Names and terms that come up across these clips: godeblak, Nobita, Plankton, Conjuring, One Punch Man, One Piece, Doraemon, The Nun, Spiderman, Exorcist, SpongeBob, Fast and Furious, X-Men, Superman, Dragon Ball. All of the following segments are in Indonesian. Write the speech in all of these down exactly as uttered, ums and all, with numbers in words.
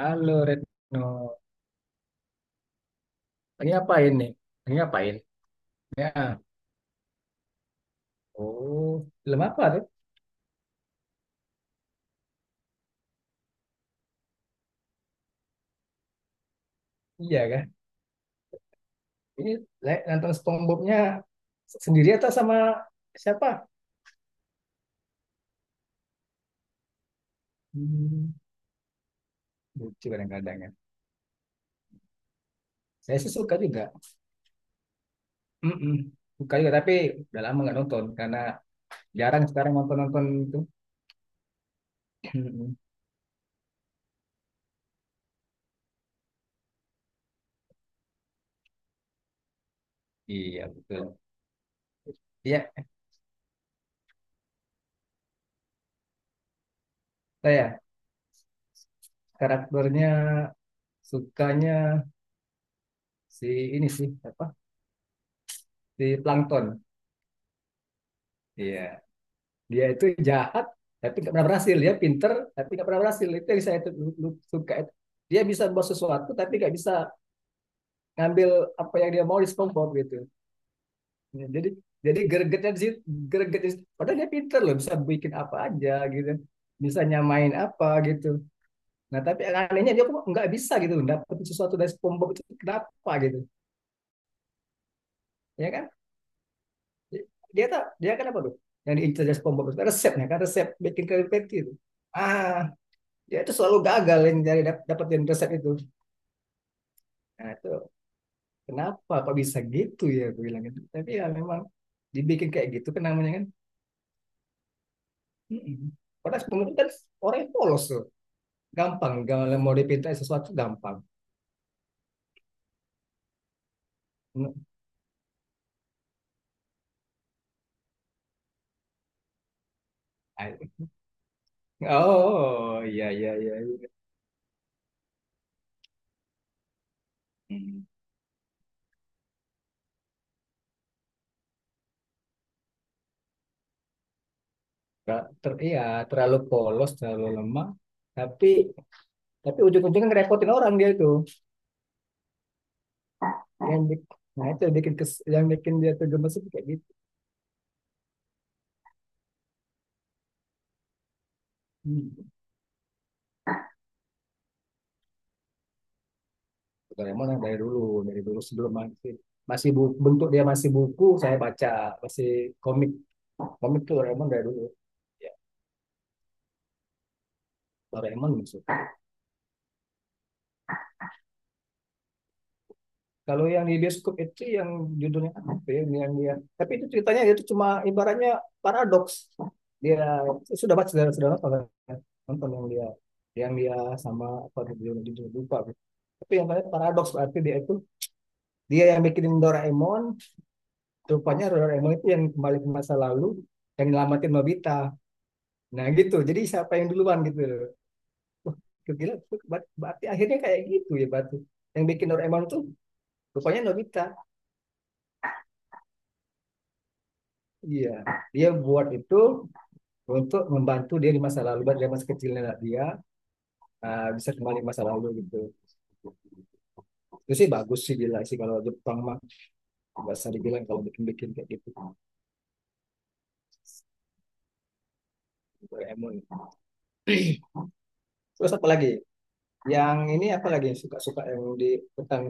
Halo Retno, lagi ngapain nih? Lagi ngapain? Ya, oh, film apa tuh? Iya kan? Ini le- nonton SpongeBob-nya sendiri atau sama siapa? Hmm, lucu kadang-kadang ya. Saya sih suka juga. Mm-mm. Suka juga, tapi udah lama nggak nonton karena jarang sekarang nonton-nonton itu. Mm-mm. Iya, betul. Iya, saya karakternya sukanya si ini sih, apa? Si Plankton. Iya. Dia itu jahat tapi nggak pernah berhasil. Dia pinter tapi nggak pernah berhasil. Itu yang saya tu- suka. Dia bisa buat sesuatu tapi nggak bisa ngambil apa yang dia mau di SpongeBob gitu. Ya, Jadi jadi gregetnya di situ, gregetnya di situ. Padahal dia pinter loh, bisa bikin apa aja gitu. Bisa nyamain apa gitu. Nah, tapi anehnya dia kok nggak bisa gitu dapat sesuatu dari SpongeBob itu kenapa gitu. Ya kan? Dia tak dia kan apa tuh? Yang diincar dari SpongeBob itu kan resepnya kan resep bikin kripik gitu. Ah, dia itu selalu gagal yang nyari dapetin resep itu, nah itu kenapa kok bisa gitu, ya gue bilang gitu, tapi ya memang dibikin kayak gitu kan, namanya kan. Mm-mm. Padahal sebelumnya kan orang yang polos tuh gampang, kalau mau dipintain sesuatu gampang. Oh, iya iya iya. Hmm. Ter- ter- iya, terlalu polos terlalu lemah, tapi tapi ujung-ujungnya ngerepotin orang dia itu. yang bi- nah, itu yang bikin kes, yang bikin dia tuh gemes itu kayak gitu. Hmm. Doraemon yang dari dulu, dari dulu sebelum masih masih bu- bentuk dia masih buku, saya baca masih komik. Komik tuh Doraemon dari dulu. Ya, Doraemon masuk. Kalau yang di bioskop itu yang judulnya apa ya? Yang dia, tapi itu ceritanya itu cuma ibaratnya paradoks. Dia sudah baca, sudah sudah nonton kan? Nonton yang dia, yang dia sama apa judulnya judulnya lupa. Tapi yang paling paradoks berarti dia itu, dia yang bikinin Doraemon, rupanya Doraemon itu yang kembali ke masa lalu yang nyelamatin Nobita. Nah gitu, jadi siapa yang duluan gitu. Wah, gue kira tuh akhirnya kayak gitu ya Batu. Yang bikin Doraemon tuh rupanya Nobita. Iya, dia buat itu untuk membantu dia di masa lalu, dari masa kecilnya dia, uh, bisa kembali ke masa lalu gitu. Itu sih bagus sih, gila sih kalau Jepang mah, nggak usah dibilang kalau bikin-bikin kayak gitu. Doraemon. Terus apa lagi? Yang ini apa lagi yang suka-suka, yang di tentang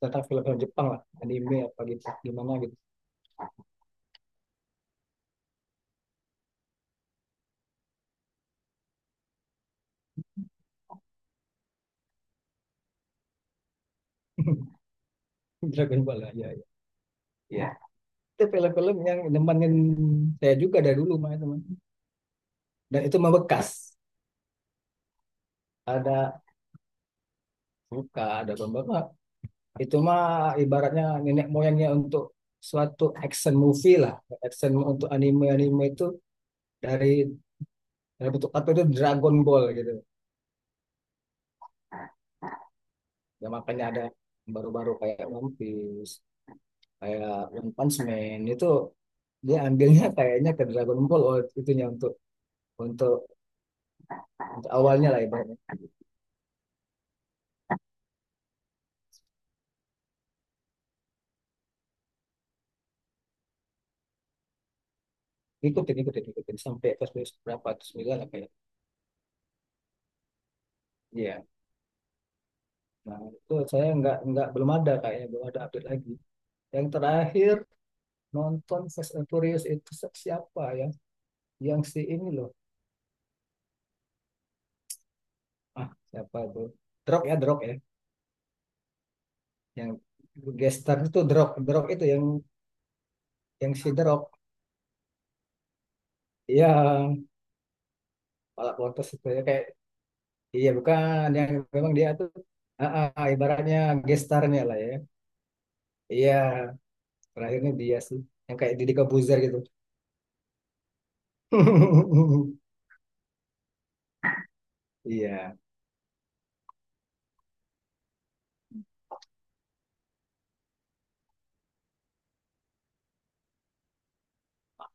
tentang film-film Jepang lah, anime apa gitu, gimana gitu. Dragon Ball lah, ya, ya. Ya, itu film-film yang nemenin saya juga dari dulu mah, teman, dan itu mah bekas, ada luka ada pembawa, itu mah ibaratnya nenek moyangnya untuk suatu action movie lah, action untuk anime anime itu, dari, dari bentuk apa itu, Dragon Ball gitu. Ya, makanya ada baru-baru kayak One Piece, kayak One Punch Man itu, dia ambilnya kayaknya ke Dragon Ball. Oh, itunya untuk untuk, untuk awalnya lah ibaratnya. Ikutin ikutin ikutin sampai ke berapa, sembilan apa ya. Iya, nah, itu saya nggak nggak belum ada, kayaknya belum ada update lagi. Yang terakhir nonton Fast and Furious itu se- siapa ya? Yang si ini loh. Ah, siapa tuh? Drop ya, Drop ya. Yang gestar itu Drop, Drop itu yang yang si Drop, yang pala potos itu ya, kayak, iya bukan yang, memang dia tuh, ah, ah, ah, ibaratnya gestarnya lah ya. Iya, terakhirnya dia sih yang kayak Didi Kebuzer gitu. Iya,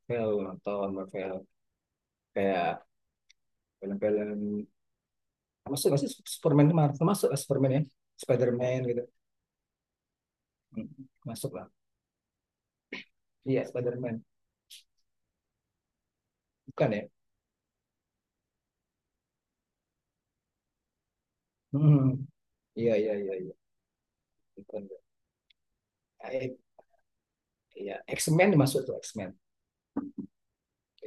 film, nonton film kayak film-film masuk, masih Superman itu, Marvel masuk lah, Superman ya, Spiderman gitu. Hmm, masuk lah, iya, Spiderman, bukan ya. Hmm, iya iya iya iya, bukan. Ah, eh, iya, X-Men masuk tuh, X-Men,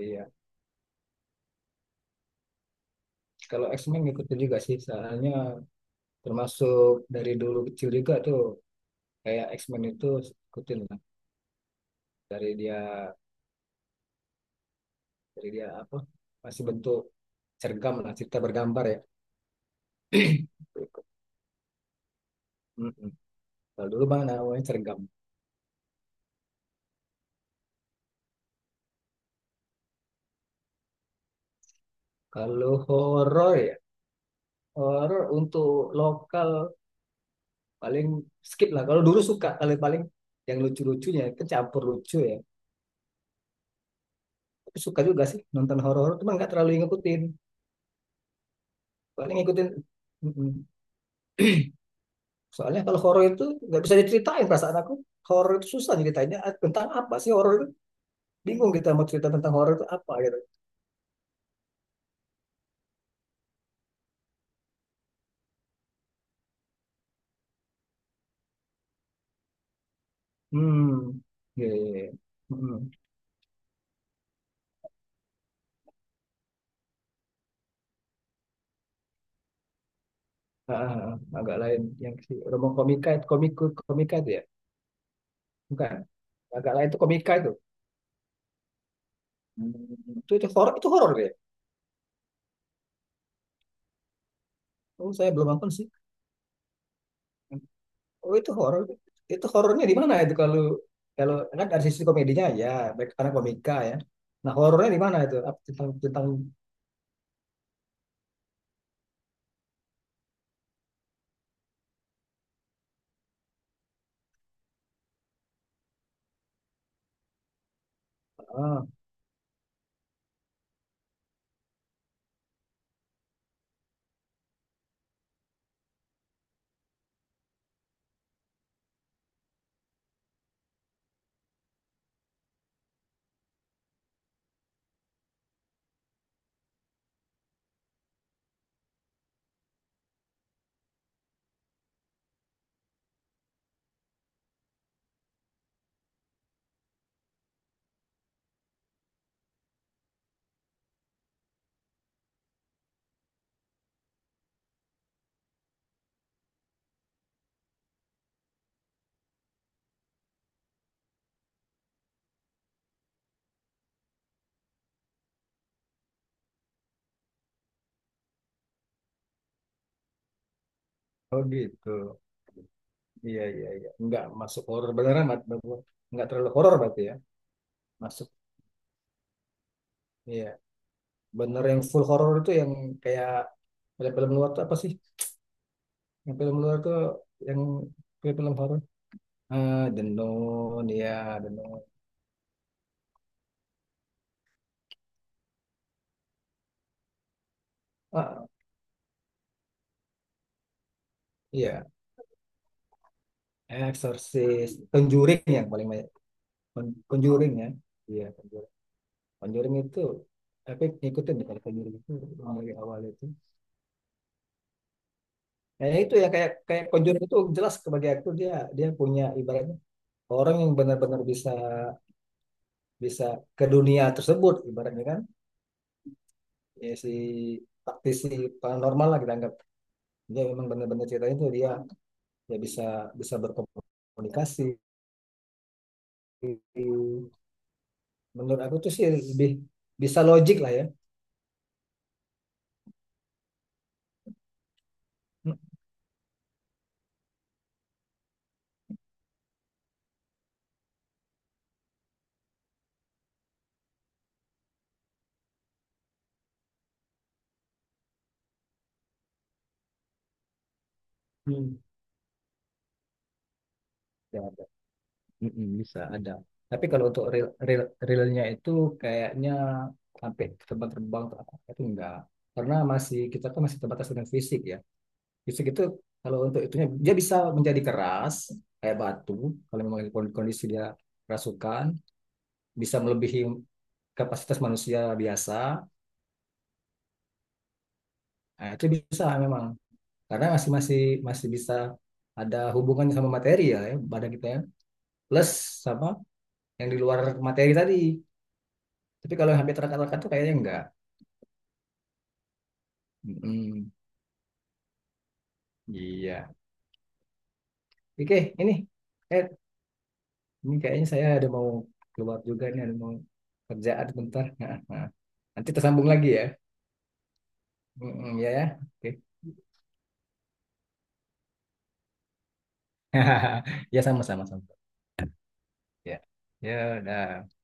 iya. Kalau X-Men ngikutin juga sih, soalnya termasuk dari dulu kecil juga tuh kayak X-Men itu, ikutin lah dari dia, dari dia apa masih bentuk cergam lah, cerita bergambar ya. Mm-mm. Kalau dulu bang namanya cergam. Kalau horor ya, horor untuk lokal paling skip lah. Kalau dulu suka, kalau paling yang lucu-lucunya kecampur lucu ya. Tapi suka juga sih nonton horor, cuma nggak terlalu ngikutin. Paling ngikutin mm-mm. Soalnya kalau horor itu nggak bisa diceritain perasaan aku. Horor itu susah ceritanya. Ah, tentang apa sih horor itu? Bingung kita mau cerita tentang horor itu apa gitu. Hmm. Iya, iya, iya. Mm-mm. Ah, ah, ah. Agak lain yang si Romo komika itu, komik komika itu ya. Bukan. Agak lain itu komika itu. Hmm. Itu, itu horor, itu horor ya. Oh, saya belum nonton sih. Oh, itu horor. Itu horornya di mana itu? Kalau kalau kan dari sisi komedinya ya, baik karena komika ya. Nah, horornya di mana itu? Apa Tentang tentang ah, oh gitu. Iya, iya, iya. Enggak masuk horor beneran, Mat, enggak terlalu horor berarti ya. Masuk. Iya, bener yang full horor itu yang kayak film-film luar tuh apa sih? Yang film luar tuh yang film-film horor. Ah, The Nun, ya, The Nun. Ah, iya, Exorcist, Conjuring yang paling Con- Conjuring ya. Iya, Conjuring. Conjuring itu, tapi ngikutin ya kalau Conjuring itu dari awal itu. Kayaknya itu ya, kayak kayak Conjuring itu jelas, sebagai aktor dia dia punya ibaratnya orang yang benar-benar bisa, bisa ke dunia tersebut ibaratnya kan. Ya, si praktisi paranormal lah kita anggap. Dia memang benar-benar ceritanya itu dia, dia bisa bisa berkomunikasi. Menurut aku tuh sih lebih bisa logik lah ya. Hmm. Ya, mm-mm, bisa ada. Tapi kalau untuk real real realnya itu kayaknya sampai terbang-terbang atau apa itu enggak. Karena masih kita kan masih terbatas dengan fisik ya. Fisik itu, kalau untuk itunya dia bisa menjadi keras kayak batu kalau memang kon- kondisi dia kerasukan, bisa melebihi kapasitas manusia biasa. Nah, itu bisa memang, karena masih, masih masih bisa ada hubungannya sama materi ya, ya badan kita ya. Plus sama yang di luar materi tadi. Tapi kalau yang hampir terangkat-terangkat itu kayaknya enggak. Mm-mm. Iya. Oke, ini. Eh, ini kayaknya saya ada mau keluar juga nih, ada mau kerjaan bentar. Nah, nah. Nanti tersambung lagi ya. Mm-mm, ya ya. Oke. Ya sama-sama sama. Ya. Ya udah.